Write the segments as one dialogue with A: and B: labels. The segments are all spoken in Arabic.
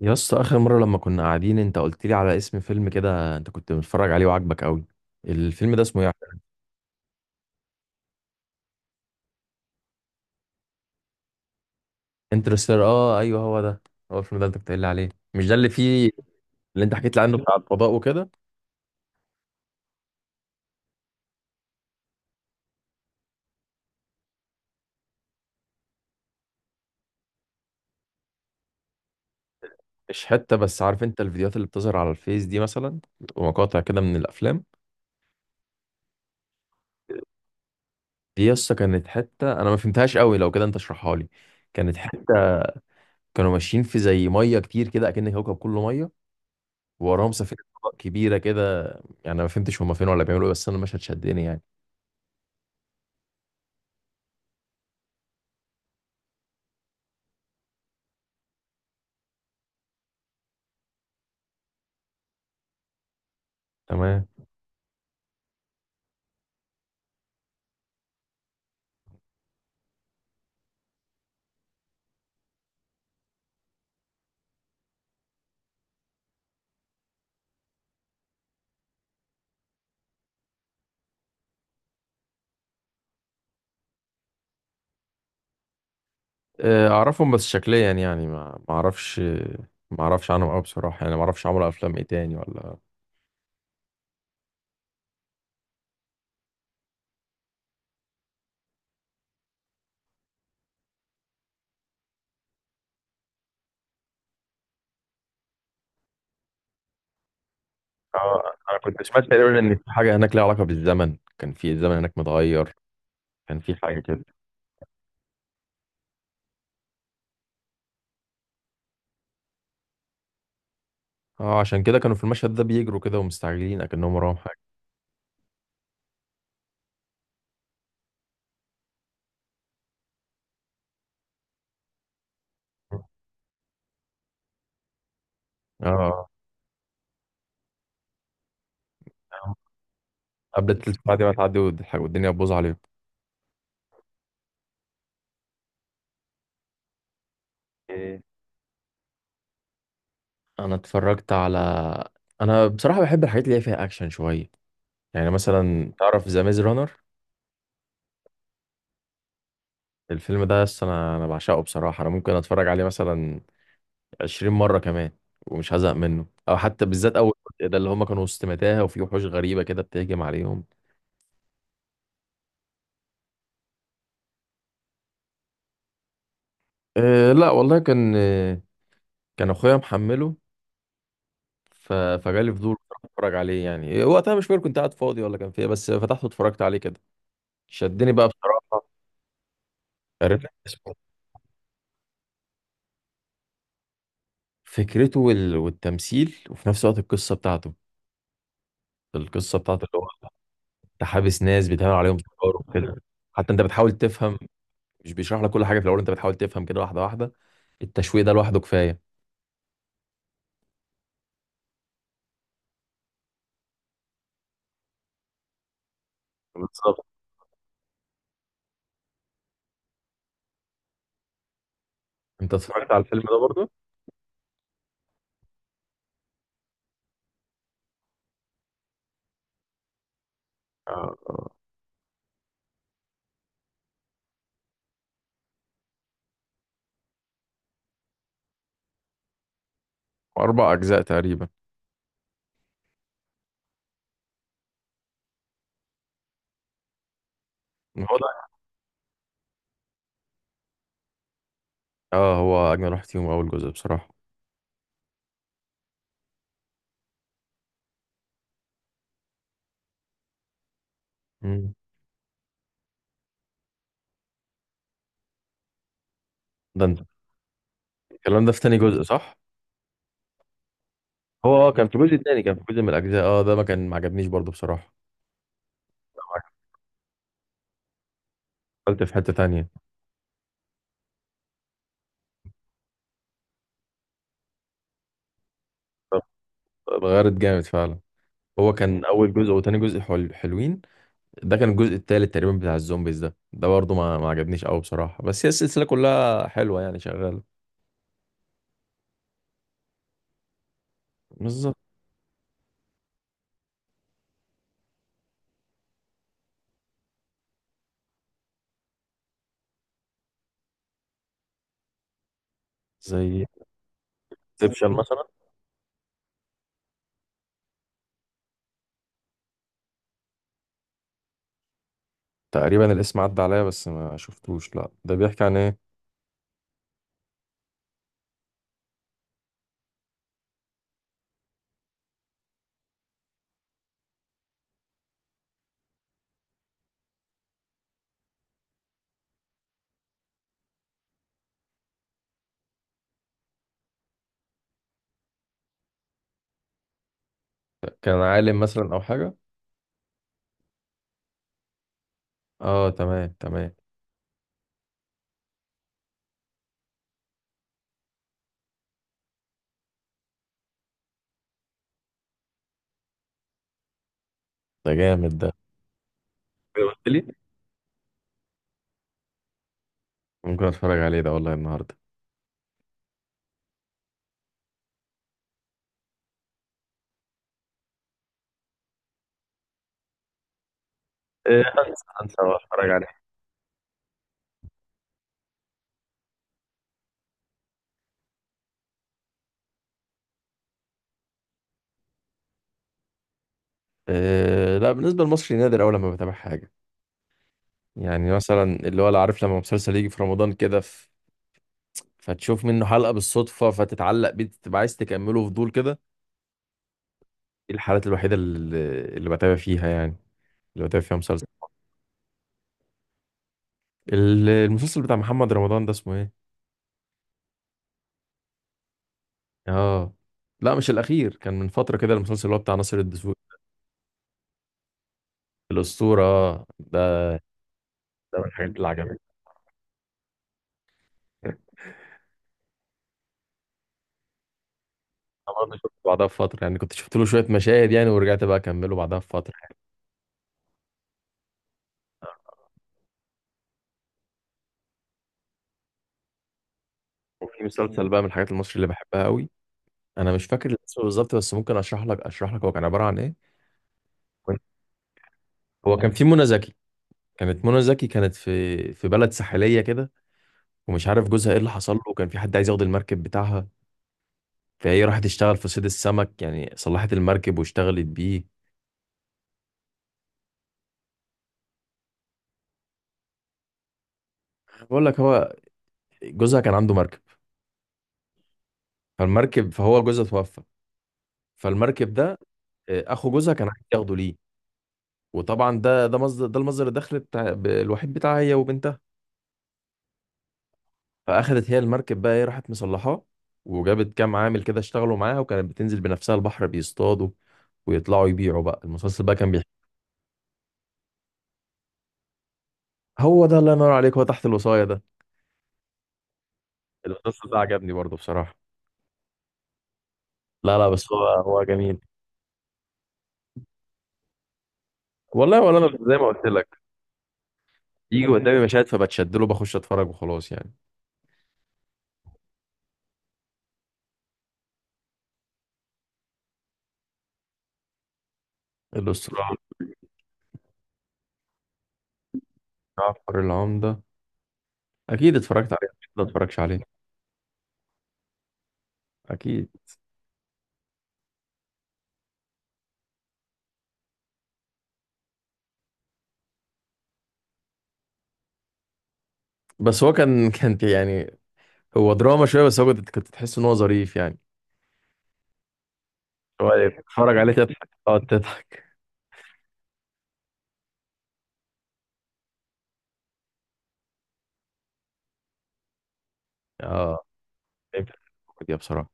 A: يا اسطى، اخر مره لما كنا قاعدين انت قلت لي على اسم فيلم كده انت كنت متفرج عليه وعاجبك قوي. الفيلم ده اسمه ايه؟ انترستيلر، اه ايوه هو ده. هو الفيلم ده انت كنت قايل لي عليه، مش ده اللي فيه اللي انت حكيت لي عنه بتاع الفضاء وكده؟ مش حته، بس عارف انت الفيديوهات اللي بتظهر على الفيس دي مثلا ومقاطع كده من الافلام؟ دي يا اسطى كانت حته انا ما فهمتهاش قوي، لو كده انت اشرحها لي. كانت حته كانوا ماشيين في زي ميه كتير كده اكن الكوكب كله ميه، ووراهم سفينه فضاء كبيره كده يعني. أنا ما فهمتش هما فين ولا بيعملوا ايه، بس انا المشهد شدني يعني. تمام. آه، اعرفهم بس شكليا يعني، ما اعرفش. ما اعرفش عنهم قوي بصراحه، يعني ما اعرفش عملوا افلام ايه تاني ولا. اه، انا كنت سمعت تقريبا ان في حاجه هناك ليها علاقه بالزمن، كان في الزمن هناك متغير. كان في حاجه كده. اه عشان كده كانوا في المشهد ده بيجروا كده ومستعجلين اكنهم وراهم حاجه. اه، قبل التلت ساعه دي ما تعدي والدنيا تبوظ عليهم. إيه، انا اتفرجت على، انا بصراحه بحب الحاجات اللي هي فيها اكشن شويه. يعني مثلا تعرف ذا ميز رانر؟ الفيلم ده اصل انا بعشقه بصراحه. انا ممكن اتفرج عليه مثلا 20 مرة كمان ومش هزهق منه، او حتى بالذات اول جزء ده اللي هما كانوا وسط متاهة وفي وحوش غريبة كده بتهجم عليهم. أه لا والله، كان كان اخويا محمله. فجالي فضول اتفرج عليه يعني. وقتها مش فاكر كنت قاعد فاضي ولا كان فيه، بس فتحته اتفرجت عليه كده. شدني بقى بصراحة. قريت لك اسمه. إيه؟ فكرته والتمثيل، وفي نفس الوقت القصة بتاعته. القصة بتاعته اللي هو انت حابس ناس بيتعمل عليهم تجارب كده. حتى انت بتحاول تفهم، مش بيشرح لك كل حاجه في الاول، انت بتحاول تفهم كده واحده واحده. التشويق ده لوحده كفايه. بالظبط. انت اتفرجت على الفيلم ده برضه؟ آه، آه. أربع أجزاء تقريبا. ما هو ده. اه، هو اجمل واحد فيهم اول جزء بصراحه. مم. ده انت الكلام ده في تاني جزء صح؟ هو اه كان في جزء تاني، كان في جزء من الاجزاء اه ده ما كان ما عجبنيش برضه بصراحه. قلت في حته تانية. طب اتغيرت جامد فعلا. هو كان اول جزء وتاني جزء حلوين. ده كان الجزء التالت تقريبا بتاع الزومبيز ده، ده برضه ما عجبنيش قوي بصراحه. بس هي السلسله كلها حلوه يعني شغاله. بالظبط. زي انسبشن مثلا. تقريبا الاسم عدى عليا بس ما شفتوش، لا ده بيحكي عن ايه؟ كان عالم مثلا او حاجه؟ اه تمام تمام. ده جامد ده. كده قلت لي. ممكن اتفرج عليه ده والله النهارده. إيه، هنسى هنسى واتفرج عليه. إيه لا، بالنسبه لمصري نادر اول لما بتابع حاجه. يعني مثلا اللي هو لا، عارف لما مسلسل يجي في رمضان كده، فتشوف منه حلقه بالصدفه فتتعلق بيه، تبقى عايز تكمله فضول كده. دي الحالات الوحيده اللي بتابع فيها يعني، اللي بتابع فيها مسلسل. المسلسل بتاع محمد رمضان ده اسمه ايه؟ اه لا، مش الاخير، كان من فتره كده، المسلسل اللي هو بتاع ناصر الدسوقي. الاسطوره، آه. ده. ده من الحاجات اللي عجبتني. انا برضه شفت بعدها بفتره يعني، كنت شفت له شويه مشاهد يعني، ورجعت بقى اكمله بعدها بفتره يعني. وفي مسلسل بقى من الحاجات المصري اللي بحبها قوي، انا مش فاكر الاسم بالظبط، بس ممكن اشرح لك هو كان عباره عن ايه. كنت- هو كان في منى زكي. كانت منى زكي كانت في بلد ساحليه كده، ومش عارف جوزها ايه اللي حصل له، وكان في حد عايز ياخد المركب بتاعها. فهي راحت تشتغل في صيد السمك يعني، صلحت المركب واشتغلت بيه. بقول لك، هو جوزها كان عنده مركب. فالمركب، فهو جوزها توفى، فالمركب ده آه، اخو جوزها كان عايز ياخده ليه. وطبعا ده مصدر، ده المصدر الدخل بتاع الوحيد بتاعها هي وبنتها. فاخدت هي المركب بقى، ايه، راحت مصلحاه، وجابت كام عامل كده اشتغلوا معاها، وكانت بتنزل بنفسها البحر بيصطادوا ويطلعوا يبيعوا. بقى المسلسل بقى كان بيحكي. هو ده، الله ينور عليك، هو تحت الوصاية ده. المسلسل ده عجبني برضه بصراحة. لا لا، بس هو هو جميل. والله ولا انا زي ما قلت لك، يجي قدامي مشاهد فبتشدله، بخش اتفرج وخلاص يعني. الاسطوره. جعفر العمده. اكيد اتفرجت عليه، أكيد ما اتفرجش عليه اكيد. بس هو كان، كان يعني، هو دراما شويه، بس هو كنت كنت تحس ان هو ظريف يعني. هو اللي تتفرج عليه تضحك. اه تضحك. اه فهمت. الكوميديا بصراحه.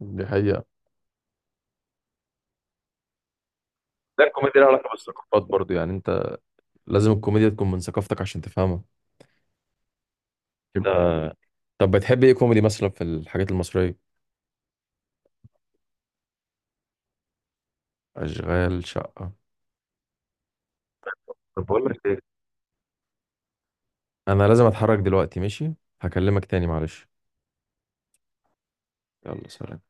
A: دي حقيقه. ده الكوميديا لها علاقه بالثقافات برضو، يعني انت لازم الكوميديا تكون من ثقافتك عشان تفهمها. ده طب بتحب ايه كوميدي مثلا في الحاجات المصريه؟ اشغال شقه. طب بقول لك، انا لازم اتحرك دلوقتي ماشي؟ هكلمك تاني معلش. يلا سلام.